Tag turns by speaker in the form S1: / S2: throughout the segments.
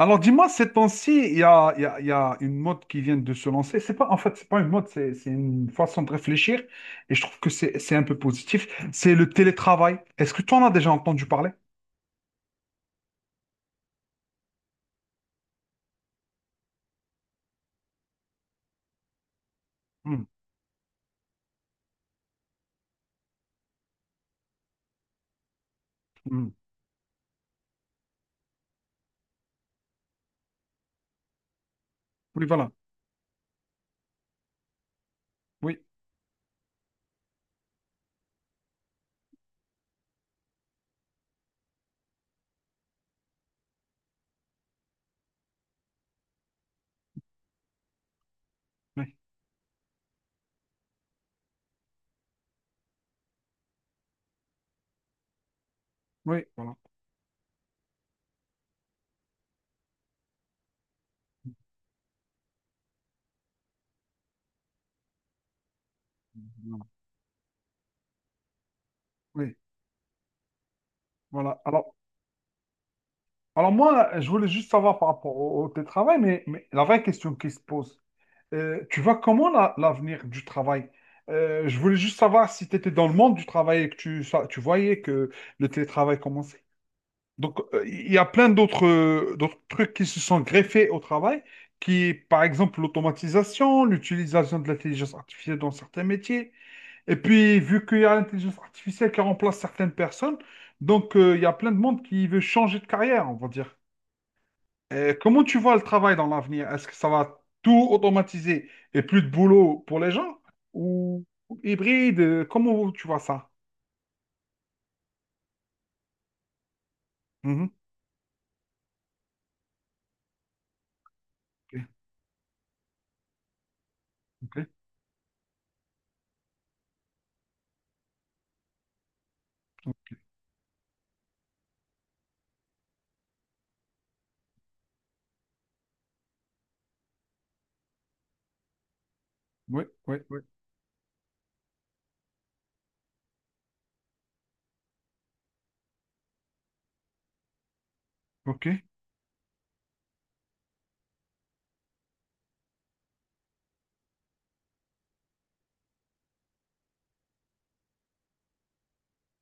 S1: Alors dis-moi, ces temps-ci, il y a, il y a- il y a une mode qui vient de se lancer. C'est pas, en fait, c'est pas une mode, c'est une façon de réfléchir. Et je trouve que c'est un peu positif. C'est le télétravail. Est-ce que tu en as déjà entendu parler? Hmm, hmm. Oui, voilà. Oui, oui, oui, voilà. Voilà. Oui, voilà. Alors, moi, je voulais juste savoir par rapport au télétravail, mais la vraie question qui se pose, tu vois comment l'avenir du travail? Je voulais juste savoir si tu étais dans le monde du travail et que tu voyais que le télétravail commençait. Donc, il y a plein d'autres trucs qui se sont greffés au travail, qui, par exemple, l'automatisation, l'utilisation de l'intelligence artificielle dans certains métiers. Et puis, vu qu'il y a l'intelligence artificielle qui remplace certaines personnes, donc il y a plein de monde qui veut changer de carrière, on va dire. Comment tu vois le travail dans l'avenir? Est-ce que ça va tout automatiser et plus de boulot pour les gens? Ou hybride? Comment tu vois ça? Mhm. Ok, ok, ok. Oui, oui, oui. Ok.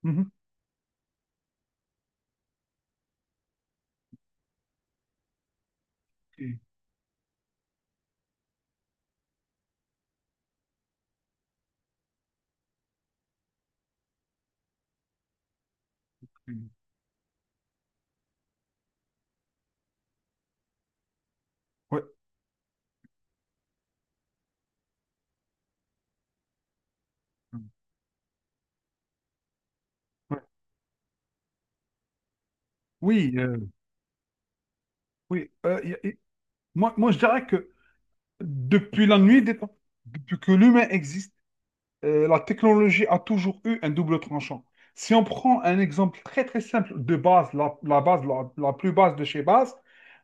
S1: Mhm. Ok. Ok. Ouais, ouais. Oui, oui. Moi, je dirais que depuis la nuit des temps, depuis que l'humain existe, la technologie a toujours eu un double tranchant. Si on prend un exemple très très simple de base, la base, la plus basse de chez base,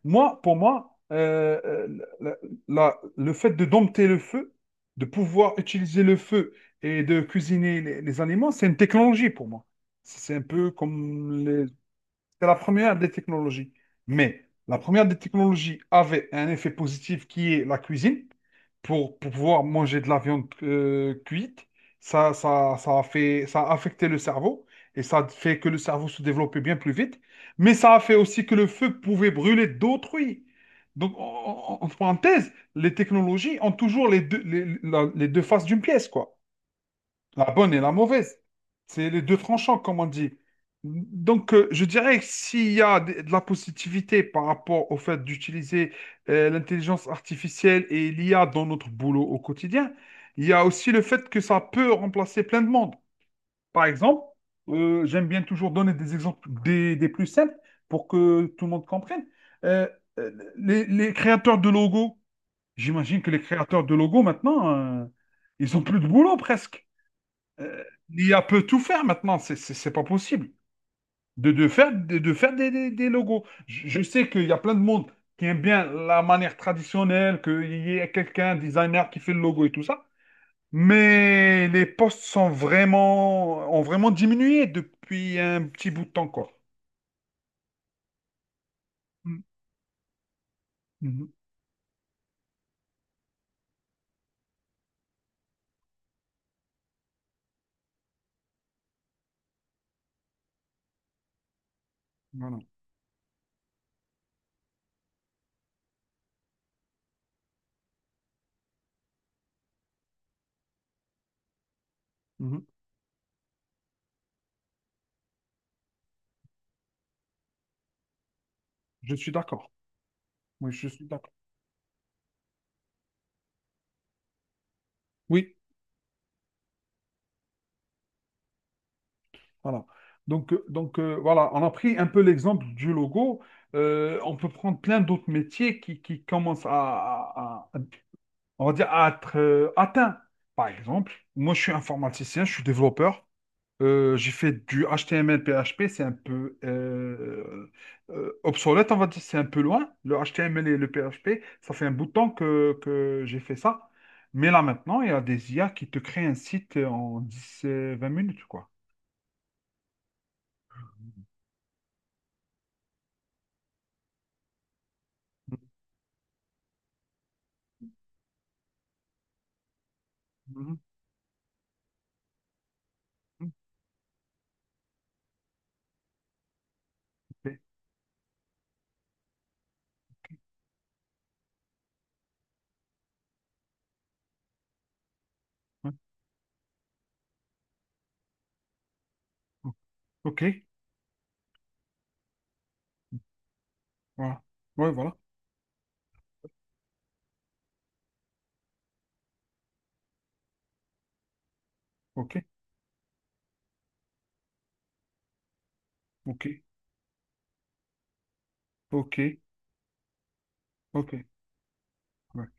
S1: moi, pour moi, la- le fait de dompter le feu, de pouvoir utiliser le feu et de cuisiner les aliments, c'est une technologie pour moi. C'est un peu comme C'est la première des technologies. Mais la première des technologies avait un effet positif qui est la cuisine. Pour pouvoir manger de la viande cuite, ça a affecté le cerveau et ça a fait que le cerveau se développait bien plus vite. Mais ça a fait aussi que le feu pouvait brûler d'autrui. Donc, en parenthèse, les technologies ont toujours les deux faces d'une pièce, quoi. La bonne et la mauvaise. C'est les deux tranchants, comme on dit. Donc, je dirais que s'il y a de la positivité par rapport au fait d'utiliser l'intelligence artificielle et l'IA dans notre boulot au quotidien, il y a aussi le fait que ça peut remplacer plein de monde. Par exemple, j'aime bien toujours donner des exemples des plus simples pour que tout le monde comprenne. Euh, euh, les créateurs de logos, j'imagine que les créateurs de logos maintenant, ils ont plus de boulot presque. L'I a peut tout faire maintenant, c'est pas possible de faire des logos. Je sais qu'il y a plein de monde qui aime bien la manière traditionnelle, qu'il y ait quelqu'un, un designer qui fait le logo et tout ça, mais les postes ont vraiment diminué depuis un petit bout de temps, quoi. Mm. Mhm. Voilà. Mhm. Je suis d'accord. Oui, je suis d'accord. Oui. Voilà. Donc, voilà, on a pris un peu l'exemple du logo. On peut prendre plein d'autres métiers qui commencent on va dire, à être atteints. Par exemple, moi, je suis informaticien, je suis développeur. J'ai fait du HTML, PHP, c'est un peu obsolète, on va dire, c'est un peu loin. Le HTML et le PHP, ça fait un bout de temps que j'ai fait ça. Mais là, maintenant, il y a des IA qui te créent un site en 10 20 minutes, quoi. Mhm. Ouais. O- Ok, voilà. Ouais, voilà. Ok, ok, ok, ok. Ouais,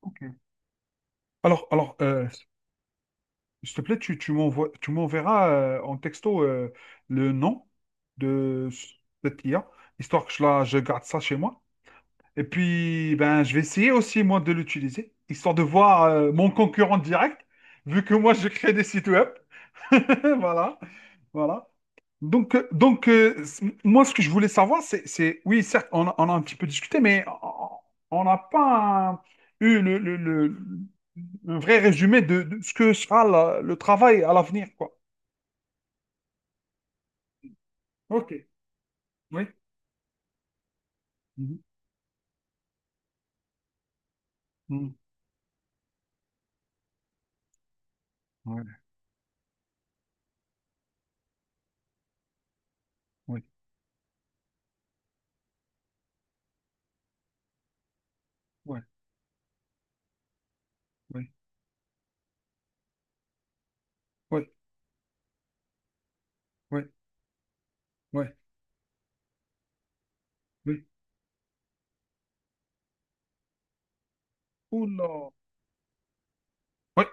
S1: ok. Alors, s'il te plaît, tu m'enverras en texto le nom de cette IA, histoire que je garde ça chez moi. Et puis, ben, je vais essayer aussi, moi, de l'utiliser, histoire de voir mon concurrent direct, vu que moi, je crée des sites web. Voilà, voilà. Donc, moi, ce que je voulais savoir, c'est, oui, certes, on a un petit peu discuté, mais on n'a pas eu un vrai résumé de ce que sera le travail à l'avenir, quoi. Ok, oui. Mhm. Mhm. Ouais, ouais, ouais, ouais, ouais, ouais, ouais, oui. Oula. Ouais,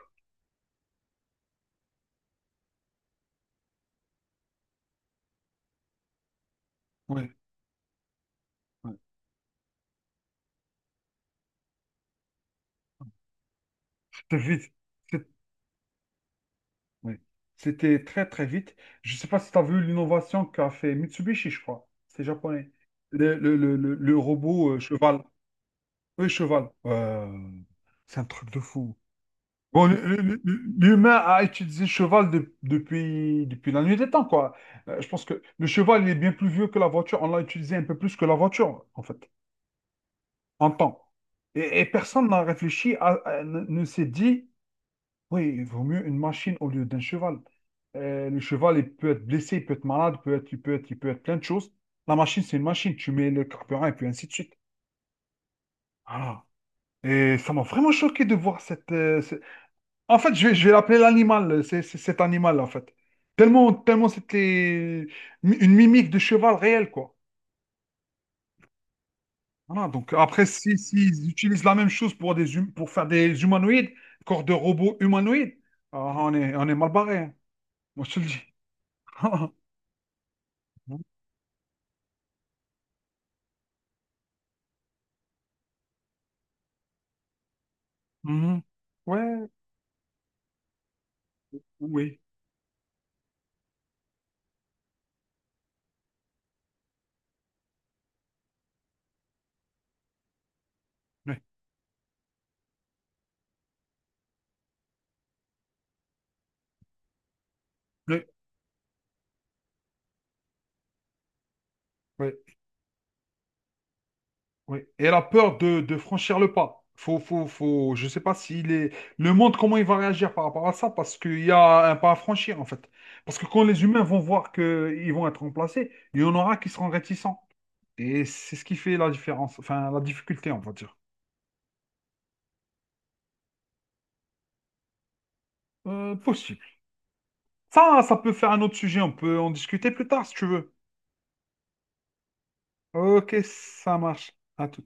S1: ouais, ouais. C'était vite. Oui. C'était très très vite. Je ne sais pas si tu as vu l'innovation qu'a fait Mitsubishi, je crois. C'est japonais. Le robot cheval. Oui, cheval. C'est un truc de fou. Bon, l'humain a utilisé cheval depuis la nuit des temps, quoi. Je pense que le cheval, il est bien plus vieux que la voiture. On l'a utilisé un peu plus que la voiture, en fait, en temps. Et personne n'a réfléchi, ne s'est dit. Oui, il vaut mieux une machine au lieu d'un cheval. Le cheval, il peut être blessé, il peut être malade, il peut être, il peut être, il peut être plein de choses. La machine, c'est une machine. Tu mets le carburant et puis ainsi de suite. Voilà. Et ça m'a vraiment choqué de voir En fait, je vais, l'appeler l'animal, c'est cet animal, en fait. Tellement, tellement c'était une mimique de cheval réel, quoi. Voilà, donc après, si, s'ils utilisent la même chose pour faire des humanoïdes, corps de robots humanoïdes, ah, on est mal barré, hein. Moi, je te le dis. Mhm. Ouais, oui, ouais, ouais, ouais, ouais. Et elle a peur de franchir le pas. Je sais pas s'il est... Le monde, comment il va réagir par rapport à ça, parce qu'il y a un pas à franchir, en fait. Parce que quand les humains vont voir qu'ils vont être remplacés, il y en aura qui seront réticents. Et c'est ce qui fait la différence, enfin, la difficulté, on va dire. Possible. Ça peut faire un autre sujet, on peut en discuter plus tard, si tu veux. Ok, ça marche. À tout.